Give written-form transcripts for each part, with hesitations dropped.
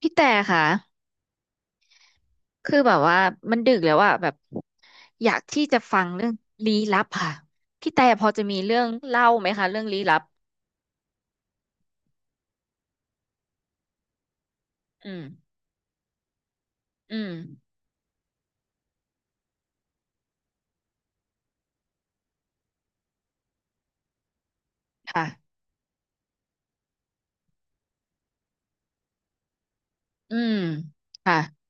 พี่แต่ค่ะคือแบบว่ามันดึกแล้วอะแบบอยากที่จะฟังเรื่องลี้ลับค่ะพี่แต่พอจะมีเรื่องเล่าไหมคะเรื่องลี้ลับอืมอืมค่ะอืมค่ะ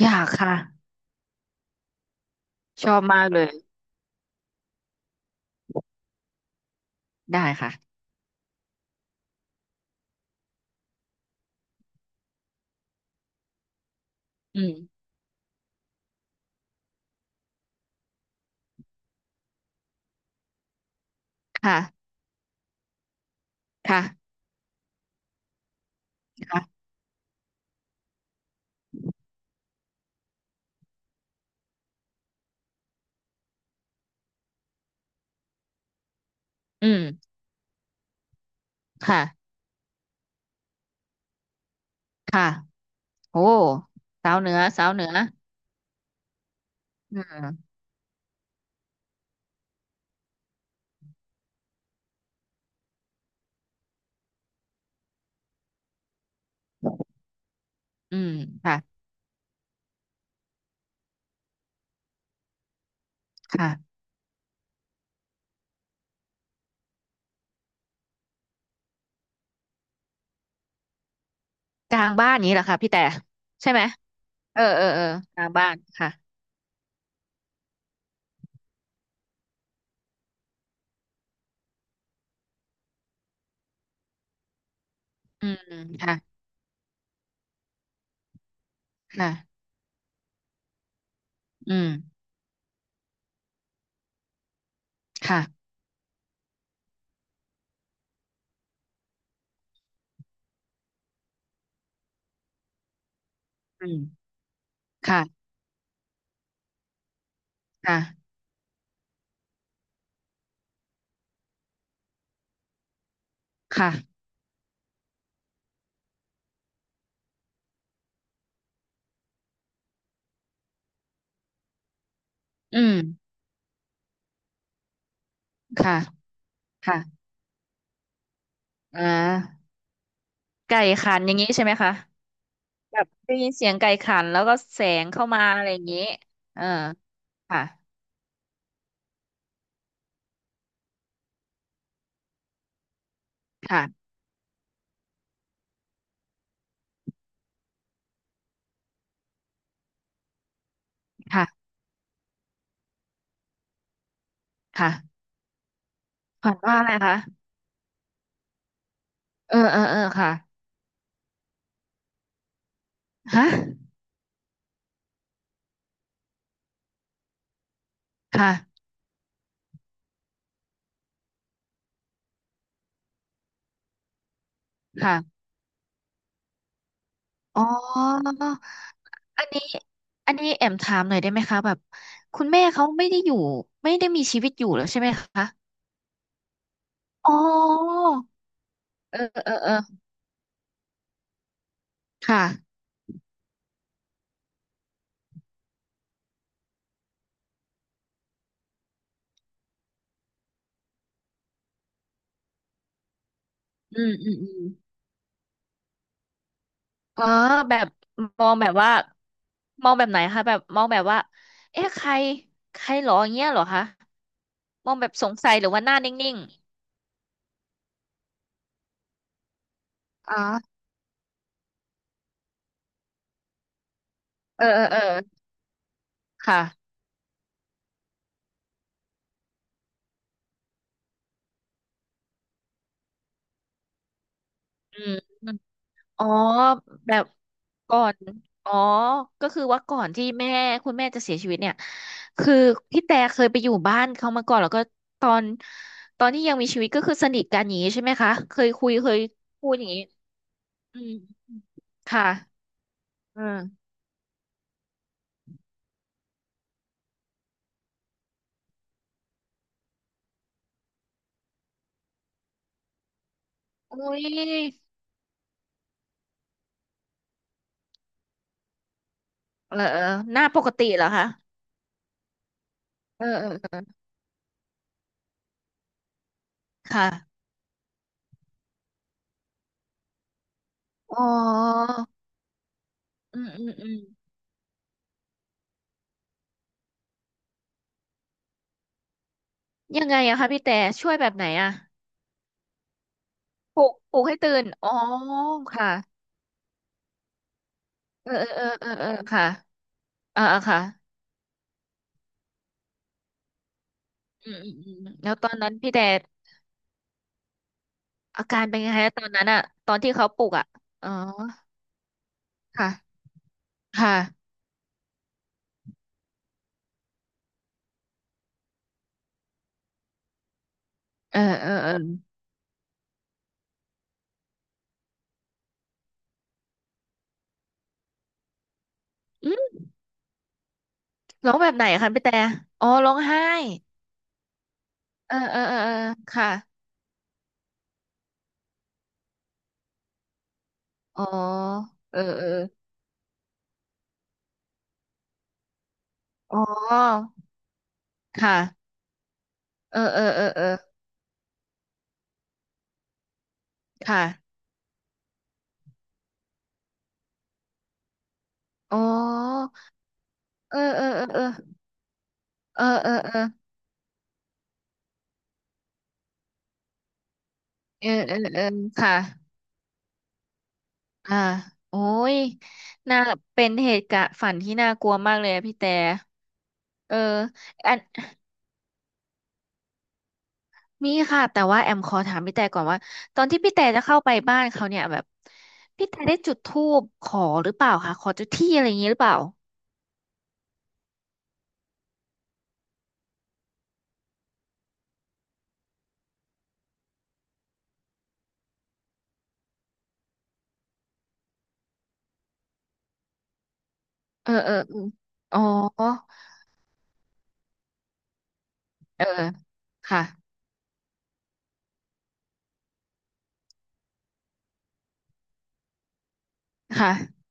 อยากค่ะชอบมากเลยได้ค่ะอืมค่ะค่ะค่ะอืมค่ะค่ะโอ้สาวเหนือสาวเหนืออืมอืมค่ะค่ะกลางบ้านนี้แหละค่ะพี่แต่ใช่ไหมเออเออเออกลางบ้านค่ะอืมค่ะ ค่ะอืมค่ะอืมค่ะค่ะค่ะอืมค่ะค่ะอ่าไก่ขันอย่างนี้ใช่ไหมคะแบบได้ยินเสียงไก่ขันแล้วก็แสงเข้ามาอะไรอย่างนี้เออค่ะค่ะค่ะค่ะฝันว่าอะไรคะเออเออเออค่ะฮะค่ะค่ะอ๋ออันนี้อันนี้แอมถามหน่อยได้ไหมคะแบบคุณแม่เขาไม่ได้อยู่ไม่ได้มีชีวิตอยู่แล้วใช่ไหมคะอ๋อเออเออเออ ค่ะอืมอืมอืมอ๋อแบบมองแบบว่า มองแบบไหนคะแบบมองแบบว่าเอ๊ะใครใครหรออย่างเงี้ยเหรอคะ มองแบบสงสัยหรือว่าหน้านิ่งๆอ๋อเออเออเออค่ะอืมอมอ๋อ แบบก่อน อ๋อ ก็คือว่าก่อนที่แม่คุณแม่จะเสียชีวิตเนี่ย คือพี่แต่เคยไปอยู่บ้านเขามาก่อนแล้วก็ตอนตอนที่ยังมีชีวิตก็คือสนิทกันอย่างนี้ใช่ไหมคะ เคยคุย เคยพูดอย่างนี้อืมค่ะ เอออุ้ยเหรอหน้าปกติเหรอคะเออเออเออค่ะอ๋ออืมอืมอืมยังไงอะคะพี่แต่ช่วยแบบไหนอะปลุกปลุกให้ตื่นอ๋อค่ะเออเออเออเออเออค่ะอ่าอ่าค่ะอืมอืมอืมแล้วตอนนั้นพี่แต่อาการเป็นยังไงตอนนั้นอะตอนที่เขาปลุกอะอ๋อค่ะค่ะเออเออเอออืมร้องแบบไหนอะคะพี่แต่อ๋อร้องไห้เออเออเออเออค่ะอ๋อเออเออ อ๋อค่ะเออเออเออเออค่ะ อ๋อเออเออเออเออเออเออเออเออเออเออค่ะอ่าโอ้ยน่าเป็นเหตุการณ์ฝันที่น่ากลัวมากเลยอะพี่แต่เอออันมีค่ะแต่ว่าแอมขอถามพี่แต่ก่อนว่าตอนที่พี่แต่จะเข้าไปบ้านเขาเนี่ยแบบพี่แต่ได้จุดธูปขอหรือเปล่าคะขอเจ้าที่อะไรอย่างนี้หรือเปล่าเออเออเอออ๋อเออค่ะค่ะ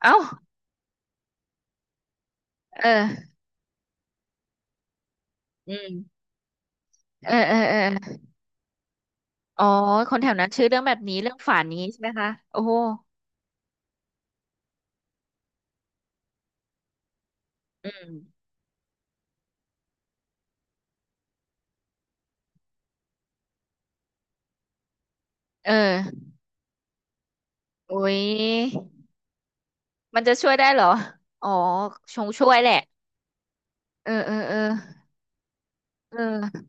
เอ้าเอออืม เออเออเอออ๋อ คนแถวนั้นชื่อเรื่องแบบนี้เรื่องฝันนี้ใช่ไหมคะโอ้โหอืมเออโอ้ย มันจะช่วยได้เหรอ อ๋อชงช่วยแหละเออเออเออเออ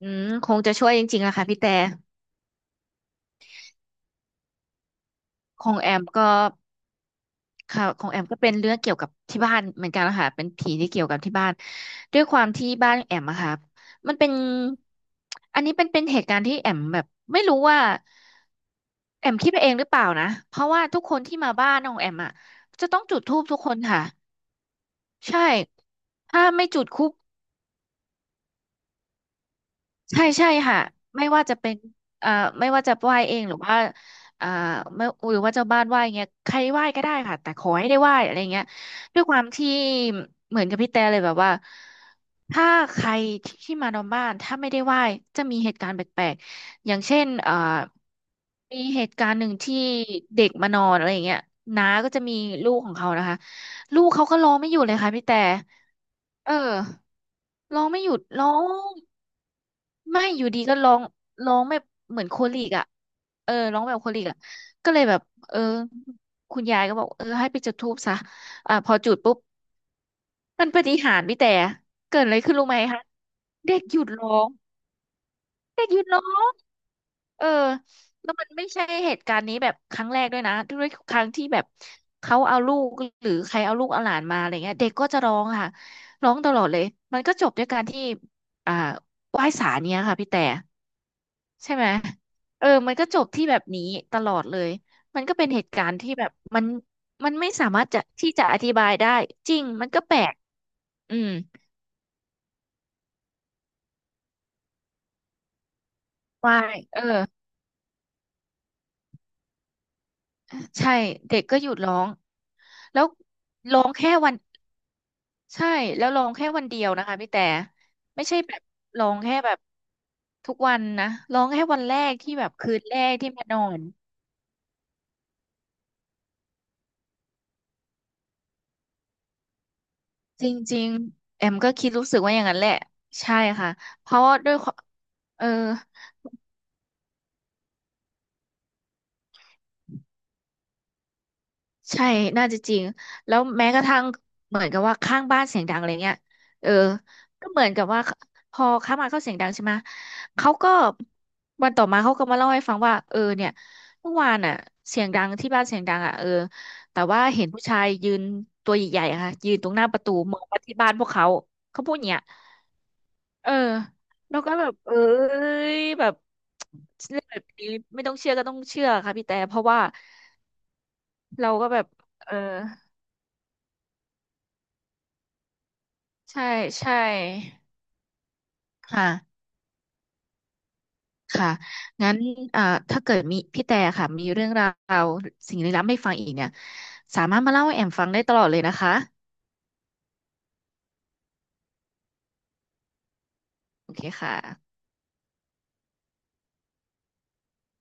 อืมคงจะช่วยจริงๆอะค่ะพี่แต่คงแอมก็ ค่ะของแอมก็เป็นเรื่องเกี่ยวกับที่บ้านเหมือนกันนะคะเป็นผีที่เกี่ยวกับที่บ้านด้วยความที่บ้านแอมอะค่ะมันเป็นอันนี้เป็นเป็นเหตุการณ์ที่แอมแบบไม่รู้ว่าแอมคิดไปเองหรือเปล่านะเพราะว่าทุกคนที่มาบ้านของแอมอะจะต้องจุดธูปทุกคนค่ะใช่ถ้าไม่จุดธูป ใช่ใช่ค่ะไม่ว่าจะเป็นเอ่อไม่ว่าจะไหว้เองหรือว่าเอ่อไม่หรือว่าเจ้าบ้านไหว้เงี้ยใครไหว้ก็ได้ค่ะแต่ขอให้ได้ไหว้อะไรเงี้ยด้วยความที่เหมือนกับพี่แต่เลยแบบว่าถ้าใครที่มานอนบ้านถ้าไม่ได้ไหว้จะมีเหตุการณ์แปลกๆอย่างเช่นมีเหตุการณ์หนึ่งที่เด็กมานอนอะไรเงี้ยน้าก็จะมีลูกของเขานะคะลูกเขาก็ร้องไม่หยุดเลยค่ะพี่แต่เออร้องไม่หยุดร้อง ไม่อยู่ดีก็ร้องร้องแบบเหมือนโคลิกอ่ะเออร้องแบบโคลิกอ่ะก็เลยแบบเออคุณยายก็บอกเออให้ไปจุดธูปซะอ่าพอจุดปุ๊บมันปาฏิหาริย์พี่แต่เกิดอะไรขึ้นรู้ไหมคะเด็กหยุดร้องเด็กหยุดร้องเออแล้วมันไม่ใช่เหตุการณ์นี้แบบครั้งแรกด้วยนะด้วยครั้งที่แบบเขาเอาลูกหรือใครเอาลูกเอาหลานมาอะไรเงี้ยเด็กก็จะร้องค่ะร้องตลอดเลยมันก็จบด้วยการที่อ่าไหว้ศาลเนี้ยค่ะพี่แต่ ใช่ไหมเออมันก็จบที่แบบนี้ตลอดเลยมันก็เป็นเหตุการณ์ที่แบบมันมันไม่สามารถจะที่จะอธิบายได้จริงมันก็แปลกอืมว่าเออใช่เด็กก็หยุดร้องแล้วร้องแค่วันใช่แล้วร้องแค่วันเดียวนะคะพี่แต่ไม่ใช่แบบร้องแค่แบบทุกวันนะร้องแค่วันแรกที่แบบคืนแรกที่มานอนจริงๆแอมก็คิดรู้สึกว่าอย่างนั้นแหละใช่ค่ะเพราะว่าด้วยความเออ ใช่น่าจะจริงแล้วแม้กระทั่งเหมือนกับว่าข้างบ้านเสียงดังอะไรเงี้ยเออก็เหมือนกับว่าพอข้างบ้านเขาเสียงดังใช่ไหมเขาก็วันต่อมาเขาก็มาเล่าให้ฟังว่าเออเนี่ยเมื่อวานอ่ะเสียงดังที่บ้านเสียงดังอ่ะเออแต่ว่าเห็นผู้ชายยืนตัวใหญ่ๆอะค่ะยืนตรงหน้าประตูมองมาที่บ้านพวกเขาเขาพูดอย่างเงี้ยเออแล้วก็แบบเอ้ยแบบเรื่องแบบนี้ไม่ต้องเชื่อก็ต้องเชื่อค่ะพี่แต่เพราะว่าเราก็แบบเออ ใช่ใช่ค่ะค่ะงั้นเอ่าถ้าเกิดมีพี่แต่ค่ะมีเรื่องราวสิ่งลี้ลับให้ฟังอีกเนี่ยสามารถมาเล่าให้แอมฟังได้ตลอดเลยนะคะโอเคค่ะ